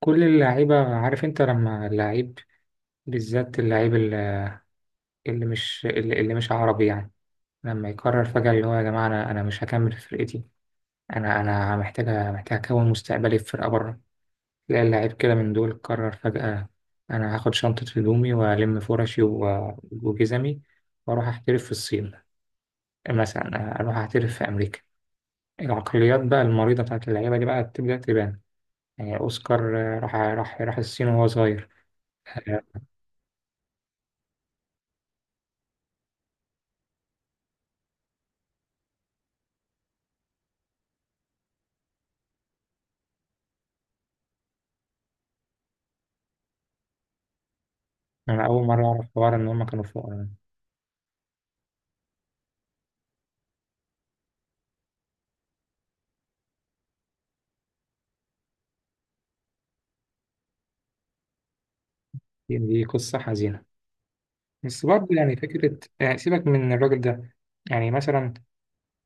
كل اللعيبة، عارف انت لما اللعيب بالذات، اللعيب اللي مش اللي مش عربي يعني، لما يقرر فجأة اللي هو يا جماعة انا مش هكمل في فرقتي، انا محتاج اكون مستقبلي في فرقة بره. تلاقي اللعيب كده من دول قرر فجأة انا هاخد شنطة هدومي والم فرشي وجزمي، واروح احترف في الصين مثلا، اروح احترف في امريكا. العقليات بقى المريضة بتاعت اللعيبة دي بقى بتبدأ تبان. يعني اوسكار راح الصين وهو صغير. أنا أول مرة أعرف حوار إن هما كانوا فقراء. دي قصة حزينة، بس برضه يعني فكرة. يعني سيبك من الراجل ده. يعني مثلا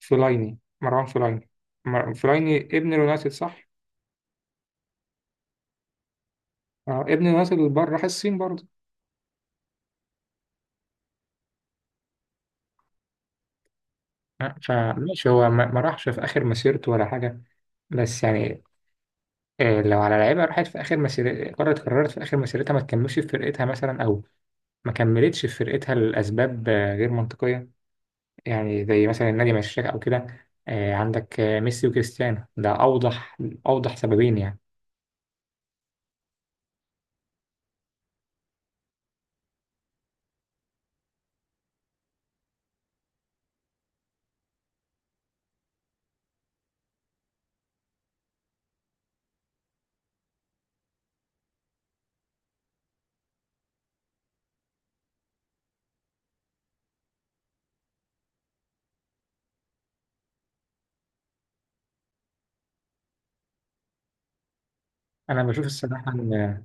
فلايني، مروان فلايني، فلايني ابن اليونايتد صح؟ اه ابن اليونايتد اللي بره راح الصين برضه. فماشي، هو ما راحش في آخر مسيرته ولا حاجة. بس يعني لو على لعيبة راحت في آخر مسيرتها، قررت في آخر مسيرتها ما تكملش في فرقتها مثلا، أو ما كملتش في فرقتها لأسباب غير منطقية، يعني زي مثلا النادي مشاك أو كده. عندك ميسي وكريستيانو، ده أوضح أوضح سببين يعني. أنا بشوف الصراحة إن،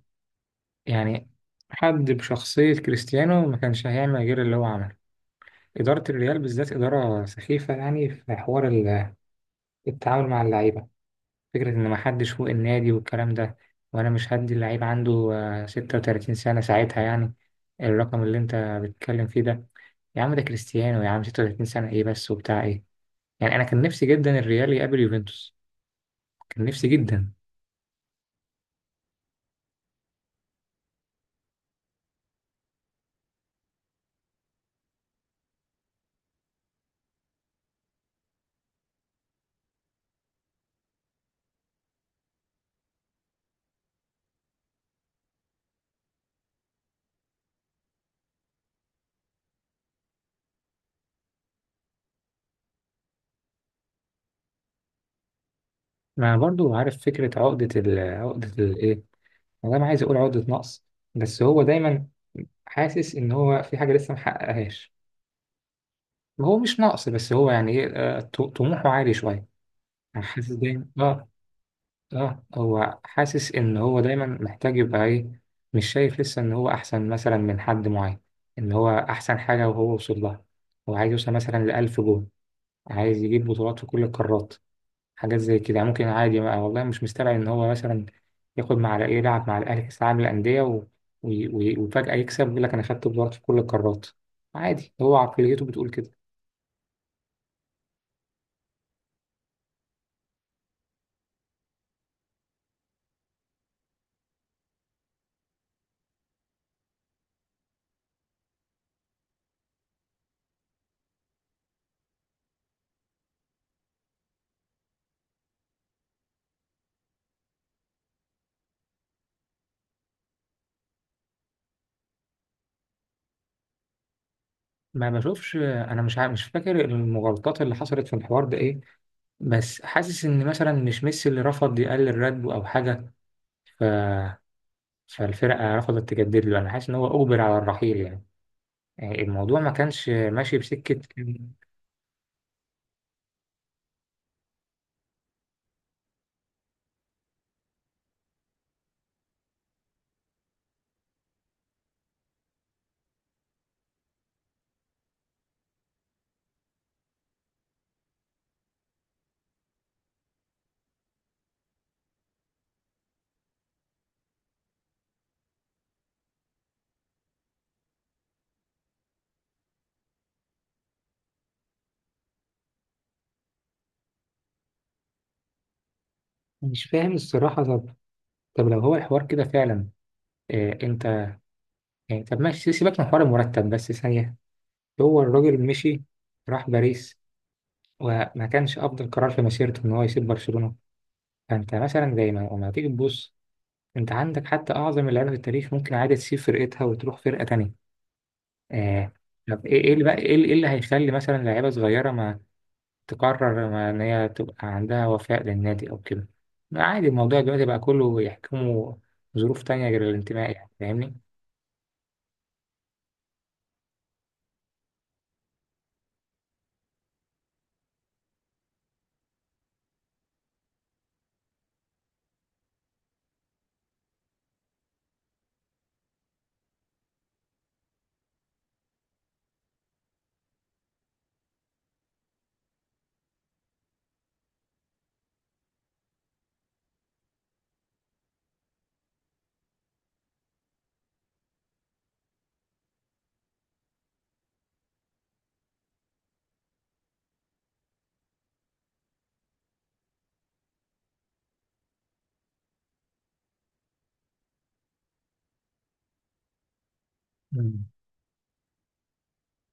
يعني، حد بشخصية كريستيانو ما كانش هيعمل غير اللي هو عمله. إدارة الريال بالذات إدارة سخيفة يعني، في حوار التعامل مع اللعيبة، فكرة إن محدش فوق النادي والكلام ده. وأنا مش هدي اللعيب عنده 36 سنة ساعتها يعني، الرقم اللي أنت بتتكلم فيه ده. يا عم ده كريستيانو، يا عم 36 سنة إيه بس وبتاع إيه؟ يعني انا كان نفسي جدا الريال يقابل يوفنتوس، كان نفسي جدا. ما انا برضو عارف فكره عقده، عقده الايه، انا ما عايز اقول عقده نقص، بس هو دايما حاسس ان هو في حاجه لسه ما حققهاش. هو مش نقص، بس هو يعني ايه، طموحه عالي شويه. يعني حاسس دايما اه. اه، هو حاسس ان هو دايما محتاج يبقى ايه، مش شايف لسه ان هو احسن مثلا من حد معين، ان هو احسن حاجه وهو وصل لها. هو عايز يوصل مثلا لألف جول، عايز يجيب بطولات في كل القارات، حاجات زي كده يعني. ممكن عادي بقى والله، مش مستبعد إن هو مثلا ياخد مع الأهلي، يلعب مع الأهلي كأس العالم للأندية وفجأة يكسب، يقول لك أنا خدت بطولات في كل القارات. عادي، هو عقليته بتقول كده. ما بشوفش، أنا مش عارف، مش فاكر المغالطات اللي حصلت في الحوار ده إيه، بس حاسس إن مثلا مش ميسي اللي رفض يقلل راتبه أو حاجة. ف... فالفرقة رفضت تجدد له. أنا حاسس إن هو أجبر على الرحيل يعني، يعني الموضوع ما كانش ماشي بسكة. مش فاهم الصراحة. طب لو هو الحوار كده فعلا، انت، يعني طب ماشي سيبك من حوار المرتب بس ثانية، هو الراجل مشي، راح باريس، وما كانش أفضل قرار في مسيرته إن هو يسيب برشلونة. فأنت مثلا زي ما لما تيجي تبص، أنت عندك حتى أعظم اللعيبة في التاريخ ممكن عادي تسيب فرقتها وتروح فرقة تانية. آه. طب إيه، إيه اللي بقى إيه اللي إيه اللي هيخلي مثلا لعيبة صغيرة ما تقرر، ما إن هي تبقى عندها وفاء للنادي أو كده؟ عادي الموضوع دلوقتي بقى كله يحكمه ظروف تانية غير الانتماء، يعني فاهمني؟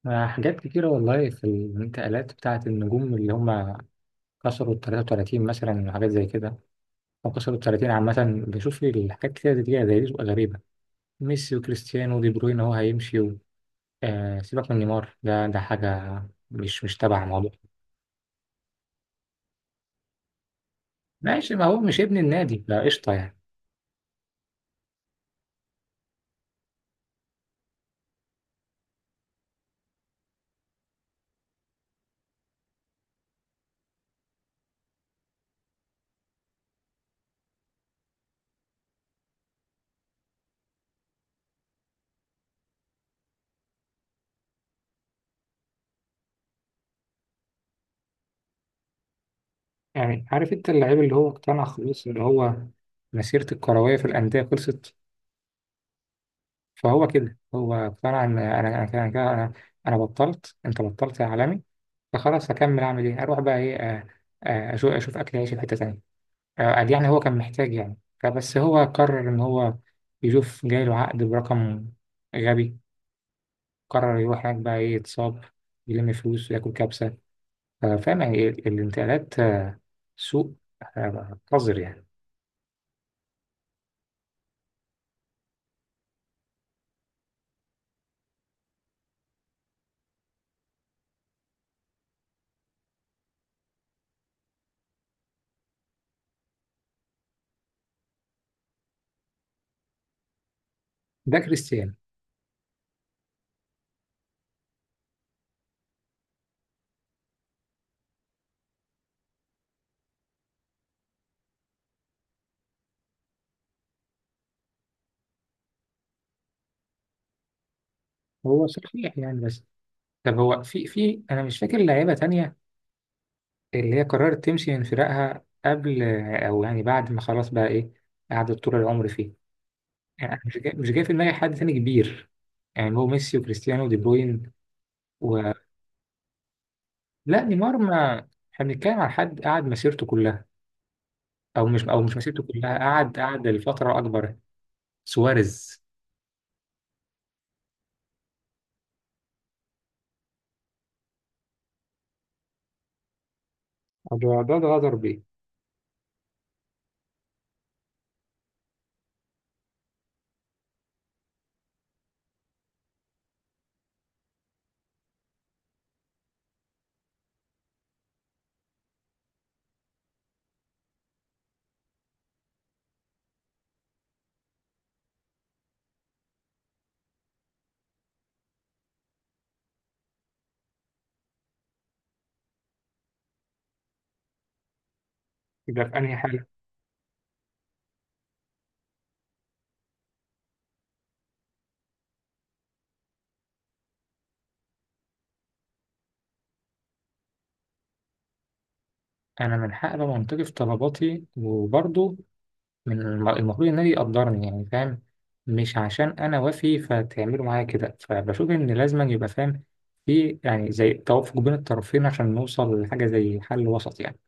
حاجات كتيرة والله في الانتقالات بتاعة النجوم اللي هم كسروا ال 33 مثلا وحاجات زي كده، أو كسروا ال 30 عامة. بشوف الحاجات كتيرة زي دي، بتبقى غريبة. ميسي وكريستيانو ودي بروين هو هيمشي آه، سيبك من نيمار، ده ده حاجة مش تبع الموضوع. ماشي، ما هو مش ابن النادي، لا قشطة يعني. يعني عارف أنت اللعيب اللي هو اقتنع خلاص، اللي هو مسيرة الكروية في الأندية خلصت، فهو كده. هو فعلا انا، أنا بطلت، انت بطلت يا عالمي، فخلاص هكمل اعمل ايه، اروح بقى ايه، اشوف اكل عيش في حته تانيه. قال يعني هو كان محتاج يعني، فبس هو قرر ان هو يشوف جاي له عقد برقم غبي، قرر يروح هناك بقى، ايه يتصاب، يلم فلوس وياكل كبسه. فاهم يعني إيه؟ الانتقالات سوء، قذر يعني. ده كريستيانو. هو صحيح يعني، بس طب هو في انا مش فاكر لعيبه تانية اللي هي قررت تمشي من فراقها قبل، او يعني بعد ما خلاص بقى ايه، قعدت طول العمر فيه. يعني أنا مش جاي، في دماغي حد تاني كبير، يعني هو ميسي وكريستيانو ودي بروين و... لا نيمار، ما احنا بنتكلم عن حد قعد مسيرته كلها، او مش، او مش مسيرته كلها، قعد لفترة اكبر. سواريز، ده غدر بيه. يبقى في انهي حالة؟ انا من حق ابقى منطقي في طلباتي، وبرضه من المفروض النادي يقدرني، يعني فاهم، مش عشان انا وافي فتعملوا معايا كده. فبشوف ان لازم يبقى فاهم في، يعني، زي توافق بين الطرفين عشان نوصل لحاجه زي حل وسط يعني.